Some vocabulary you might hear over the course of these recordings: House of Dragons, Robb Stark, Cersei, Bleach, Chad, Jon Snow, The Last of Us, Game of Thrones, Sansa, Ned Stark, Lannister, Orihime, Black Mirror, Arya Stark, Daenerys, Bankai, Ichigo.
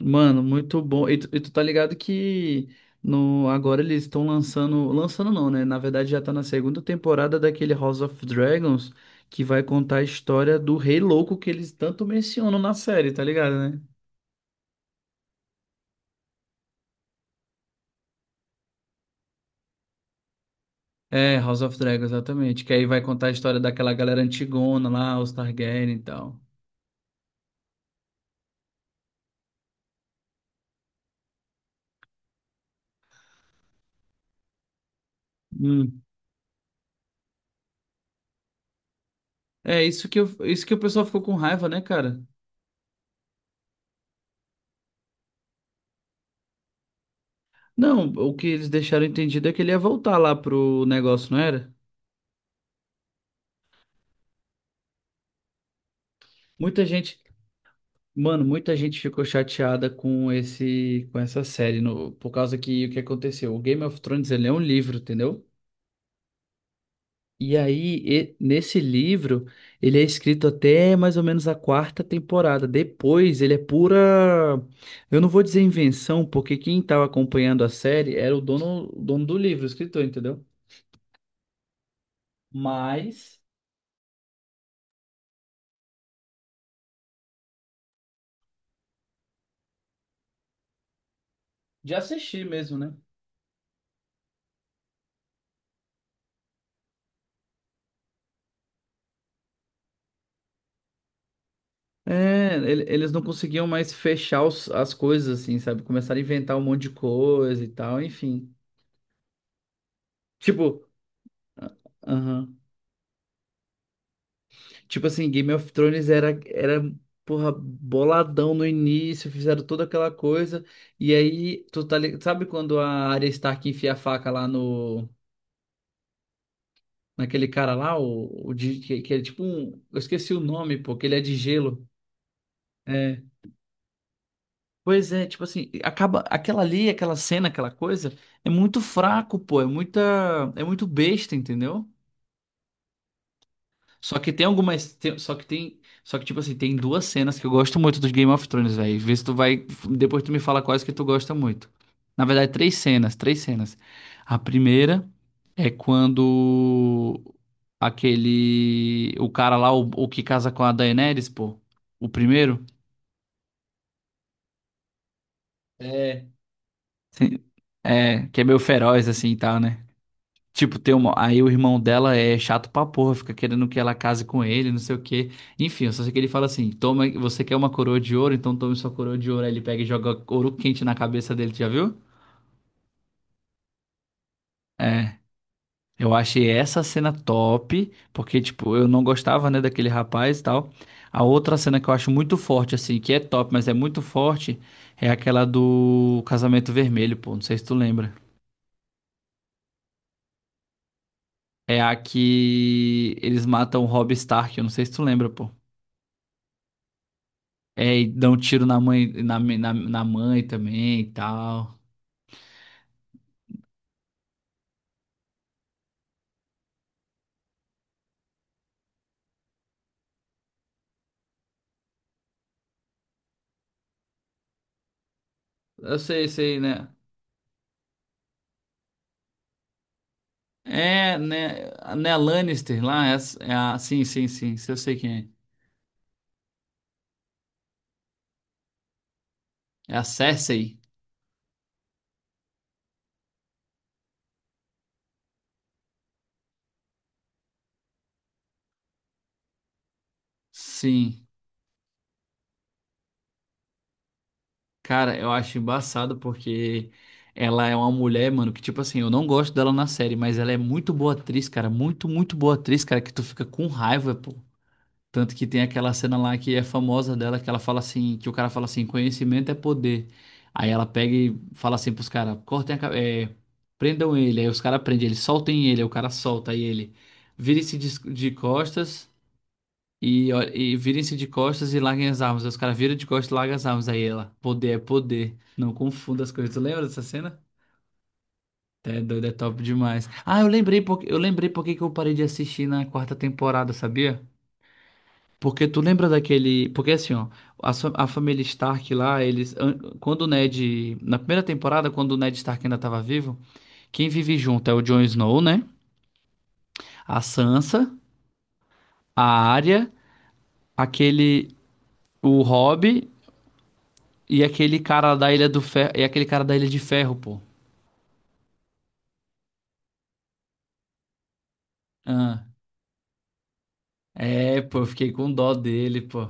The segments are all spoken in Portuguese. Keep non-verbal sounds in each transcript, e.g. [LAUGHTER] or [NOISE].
Mano, muito bom. E tu tá ligado que no, agora eles estão lançando. Lançando não, né? Na verdade já tá na segunda temporada daquele House of Dragons que vai contar a história do Rei Louco que eles tanto mencionam na série, tá ligado, né? É, House of Dragons, exatamente. Que aí vai contar a história daquela galera antigona lá, os Targaryen e tal. Hum. Isso que o pessoal ficou com raiva, né, cara? Não, o que eles deixaram entendido é que ele ia voltar lá pro negócio, não era? Muita gente. Mano, muita gente ficou chateada com essa série, por causa que o que aconteceu? O Game of Thrones, ele é um livro, entendeu? E aí, nesse livro, ele é escrito até mais ou menos a quarta temporada. Depois, ele é pura. Eu não vou dizer invenção, porque quem estava acompanhando a série era o dono do livro, o escritor, entendeu? Mas de assistir mesmo, né? É, eles não conseguiam mais fechar as coisas, assim, sabe? Começaram a inventar um monte de coisa e tal, enfim. Tipo, aham. Tipo assim, Game of Thrones era, porra, boladão no início, fizeram toda aquela coisa. E aí, tu tá ligado? Sabe quando a Arya Stark enfia a faca lá no. Naquele cara lá, o de, que é tipo um. Eu esqueci o nome, pô, que ele é de gelo. É. Pois é, tipo assim, acaba. Aquela ali, aquela cena, aquela coisa, é muito fraco, pô. É muita. É muito besta, entendeu? Só que tem algumas. Só que tem. Só que, tipo assim, tem duas cenas que eu gosto muito dos Game of Thrones, velho. Vê se tu vai. Depois tu me fala quais que tu gosta muito. Na verdade, três cenas. A primeira é quando aquele. O cara lá, o que casa com a Daenerys, pô. O primeiro. É. [LAUGHS] Sim. É, que é meio feroz, assim e tal, né? Tipo, tem uma aí o irmão dela é chato pra porra, fica querendo que ela case com ele, não sei o quê. Enfim, eu só sei que ele fala assim: toma, você quer uma coroa de ouro, então tome sua coroa de ouro. Aí ele pega e joga ouro quente na cabeça dele, tu já viu? É. Eu achei essa cena top, porque, tipo, eu não gostava, né, daquele rapaz e tal. A outra cena que eu acho muito forte, assim, que é top, mas é muito forte, é aquela do casamento vermelho, pô. Não sei se tu lembra. É a que eles matam o Robb Stark, eu não sei se tu lembra, pô. É, e dá um tiro na mãe, na mãe também e tal. Eu sei, né? É, né? Né, a Lannister lá, é, é a, sim, eu sei quem é. É a Cersei? Sim. Cara, eu acho embaçado porque ela é uma mulher, mano, que tipo assim, eu não gosto dela na série, mas ela é muito boa atriz, cara, muito, muito boa atriz, cara, que tu fica com raiva, pô. Tanto que tem aquela cena lá que é famosa dela, que ela fala assim, que o cara fala assim, conhecimento é poder. Aí ela pega e fala assim pros caras, cortem a, ca- é, prendam ele. Aí os caras prendem ele, soltem ele, aí o cara solta aí ele. De costas e, e virem-se de costas e larguem as armas. Aí os caras viram de costas e largam as armas. Aí ela, poder é poder. Não confunda as coisas. Tu lembra dessa cena? É doido, é top demais. Ah, eu lembrei porque que eu parei de assistir na quarta temporada, sabia? Porque tu lembra daquele. Porque assim, ó, a, a família Stark lá, eles. Quando o Ned. Na primeira temporada, quando o Ned Stark ainda tava vivo, quem vive junto é o Jon Snow, né? A Sansa, a Arya, aquele. O Robb e aquele cara da Ilha do Ferro. E aquele cara da Ilha de Ferro, pô. Ah, é, pô, eu fiquei com dó dele, pô.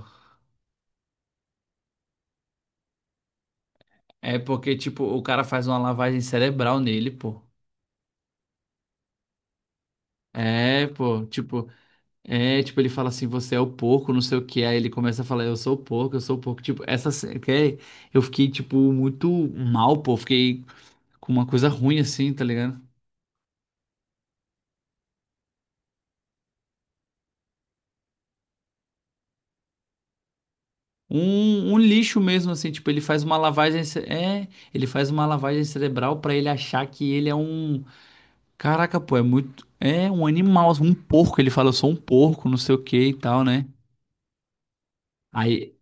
É porque, tipo, o cara faz uma lavagem cerebral nele, pô. É, pô, tipo. É, tipo, ele fala assim, você é o porco, não sei o que. Aí ele começa a falar, eu sou o porco. Tipo, essa cena que é- eu fiquei, tipo, muito mal, pô. Fiquei com uma coisa ruim, assim, tá ligado? Um lixo mesmo, assim, tipo, ele faz uma lavagem. É, ele faz uma lavagem cerebral pra ele achar que ele é um. Caraca, pô, é muito. É um animal, um porco. Ele fala, eu sou um porco, não sei o que e tal, né? Aí,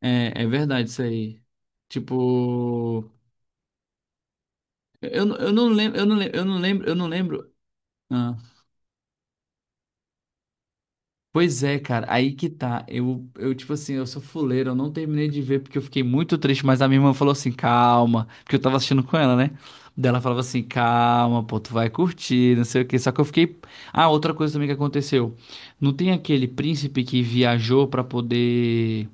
é, é verdade isso aí. Tipo. Eu não lembro, eu não lembro, eu não lembro, eu não lembro. ah, Pois é, cara, aí que tá. Tipo assim, eu sou fuleiro, eu não terminei de ver porque eu fiquei muito triste, mas a minha irmã falou assim, calma, porque eu tava assistindo com ela, né? Daí ela falava assim, calma, pô, tu vai curtir, não sei o quê. Só que eu fiquei. Ah, outra coisa também que aconteceu. Não tem aquele príncipe que viajou pra poder.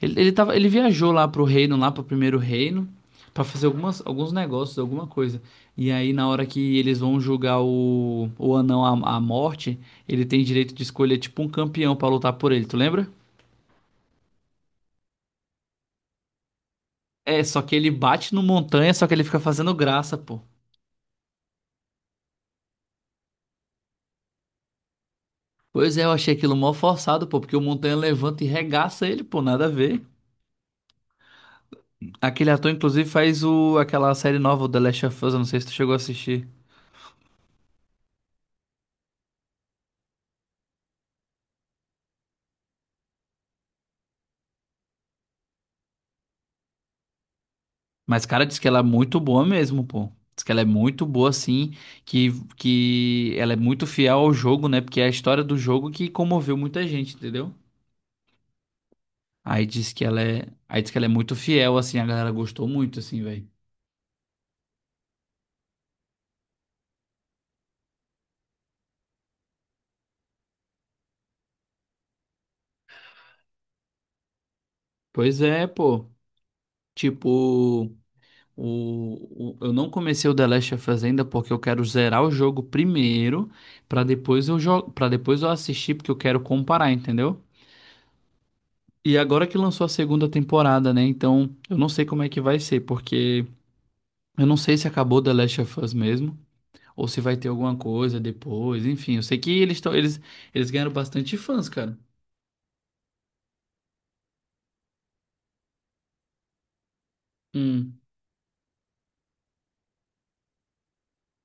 Ele tava, ele viajou lá pro reino, lá pro primeiro reino, pra fazer alguns negócios, alguma coisa. E aí, na hora que eles vão julgar o anão à morte, ele tem direito de escolher, tipo, um campeão pra lutar por ele, tu lembra? É, só que ele bate no Montanha, só que ele fica fazendo graça, pô. Pois é, eu achei aquilo mó forçado, pô, porque o Montanha levanta e regaça ele, pô, nada a ver. Aquele ator, inclusive, faz o, aquela série nova, o The Last of Us, eu não sei se tu chegou a assistir. Mas, cara, diz que ela é muito boa mesmo, pô. Diz que ela é muito boa, assim, que, que ela é muito fiel ao jogo, né? Porque é a história do jogo que comoveu muita gente, entendeu? Aí diz que ela é muito fiel, assim, a galera gostou muito, assim, velho. Pois é, pô. Tipo, eu não comecei o The Last of Us ainda porque eu quero zerar o jogo primeiro, pra depois eu jogo, para depois eu assistir, porque eu quero comparar, entendeu? E agora que lançou a segunda temporada, né? Então, eu não sei como é que vai ser, porque eu não sei se acabou The Last of Us mesmo, ou se vai ter alguma coisa depois, enfim. Eu sei que eles ganharam bastante fãs, cara. Hum.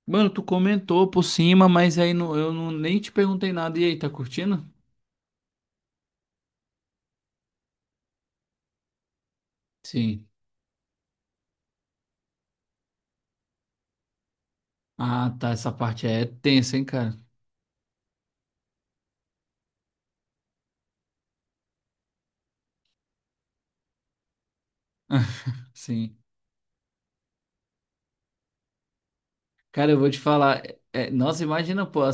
Mano, tu comentou por cima, mas aí não, eu não, nem te perguntei nada. E aí, tá curtindo? Sim. Ah, tá. Essa parte é tensa, hein, cara? [LAUGHS] Sim. Cara, eu vou te falar. Nossa, imagina, pô, a-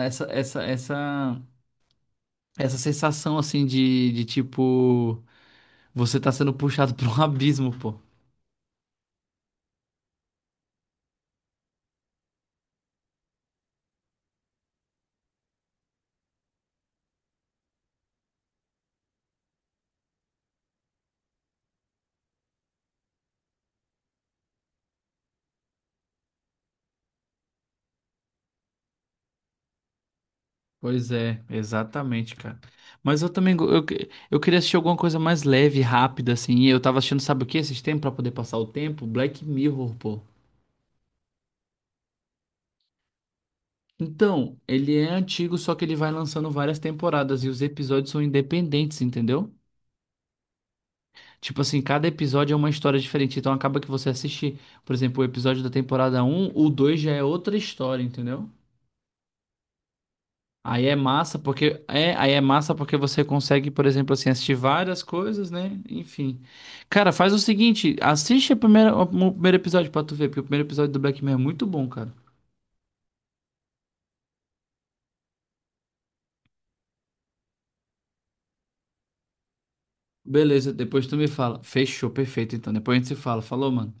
a- essa, essa, essa, essa sensação assim de tipo. Você tá sendo puxado pra um [LAUGHS] abismo, pô. Pois é, exatamente, cara. Mas eu também. Eu, eu queria assistir alguma coisa mais leve, rápida, assim. E eu tava assistindo, sabe o que? Esses tempos pra poder passar o tempo? Black Mirror, pô. Então, ele é antigo, só que ele vai lançando várias temporadas e os episódios são independentes, entendeu? Tipo assim, cada episódio é uma história diferente. Então acaba que você assiste, por exemplo, o episódio da temporada um, o 2 já é outra história, entendeu? Aí é massa porque você consegue, por exemplo, assim, assistir várias coisas, né? Enfim. Cara, faz o seguinte, o primeiro episódio pra tu ver, porque o primeiro episódio do Black Mirror é muito bom, cara. Beleza, depois tu me fala. Fechou, perfeito, então. Depois a gente se fala. Falou, mano.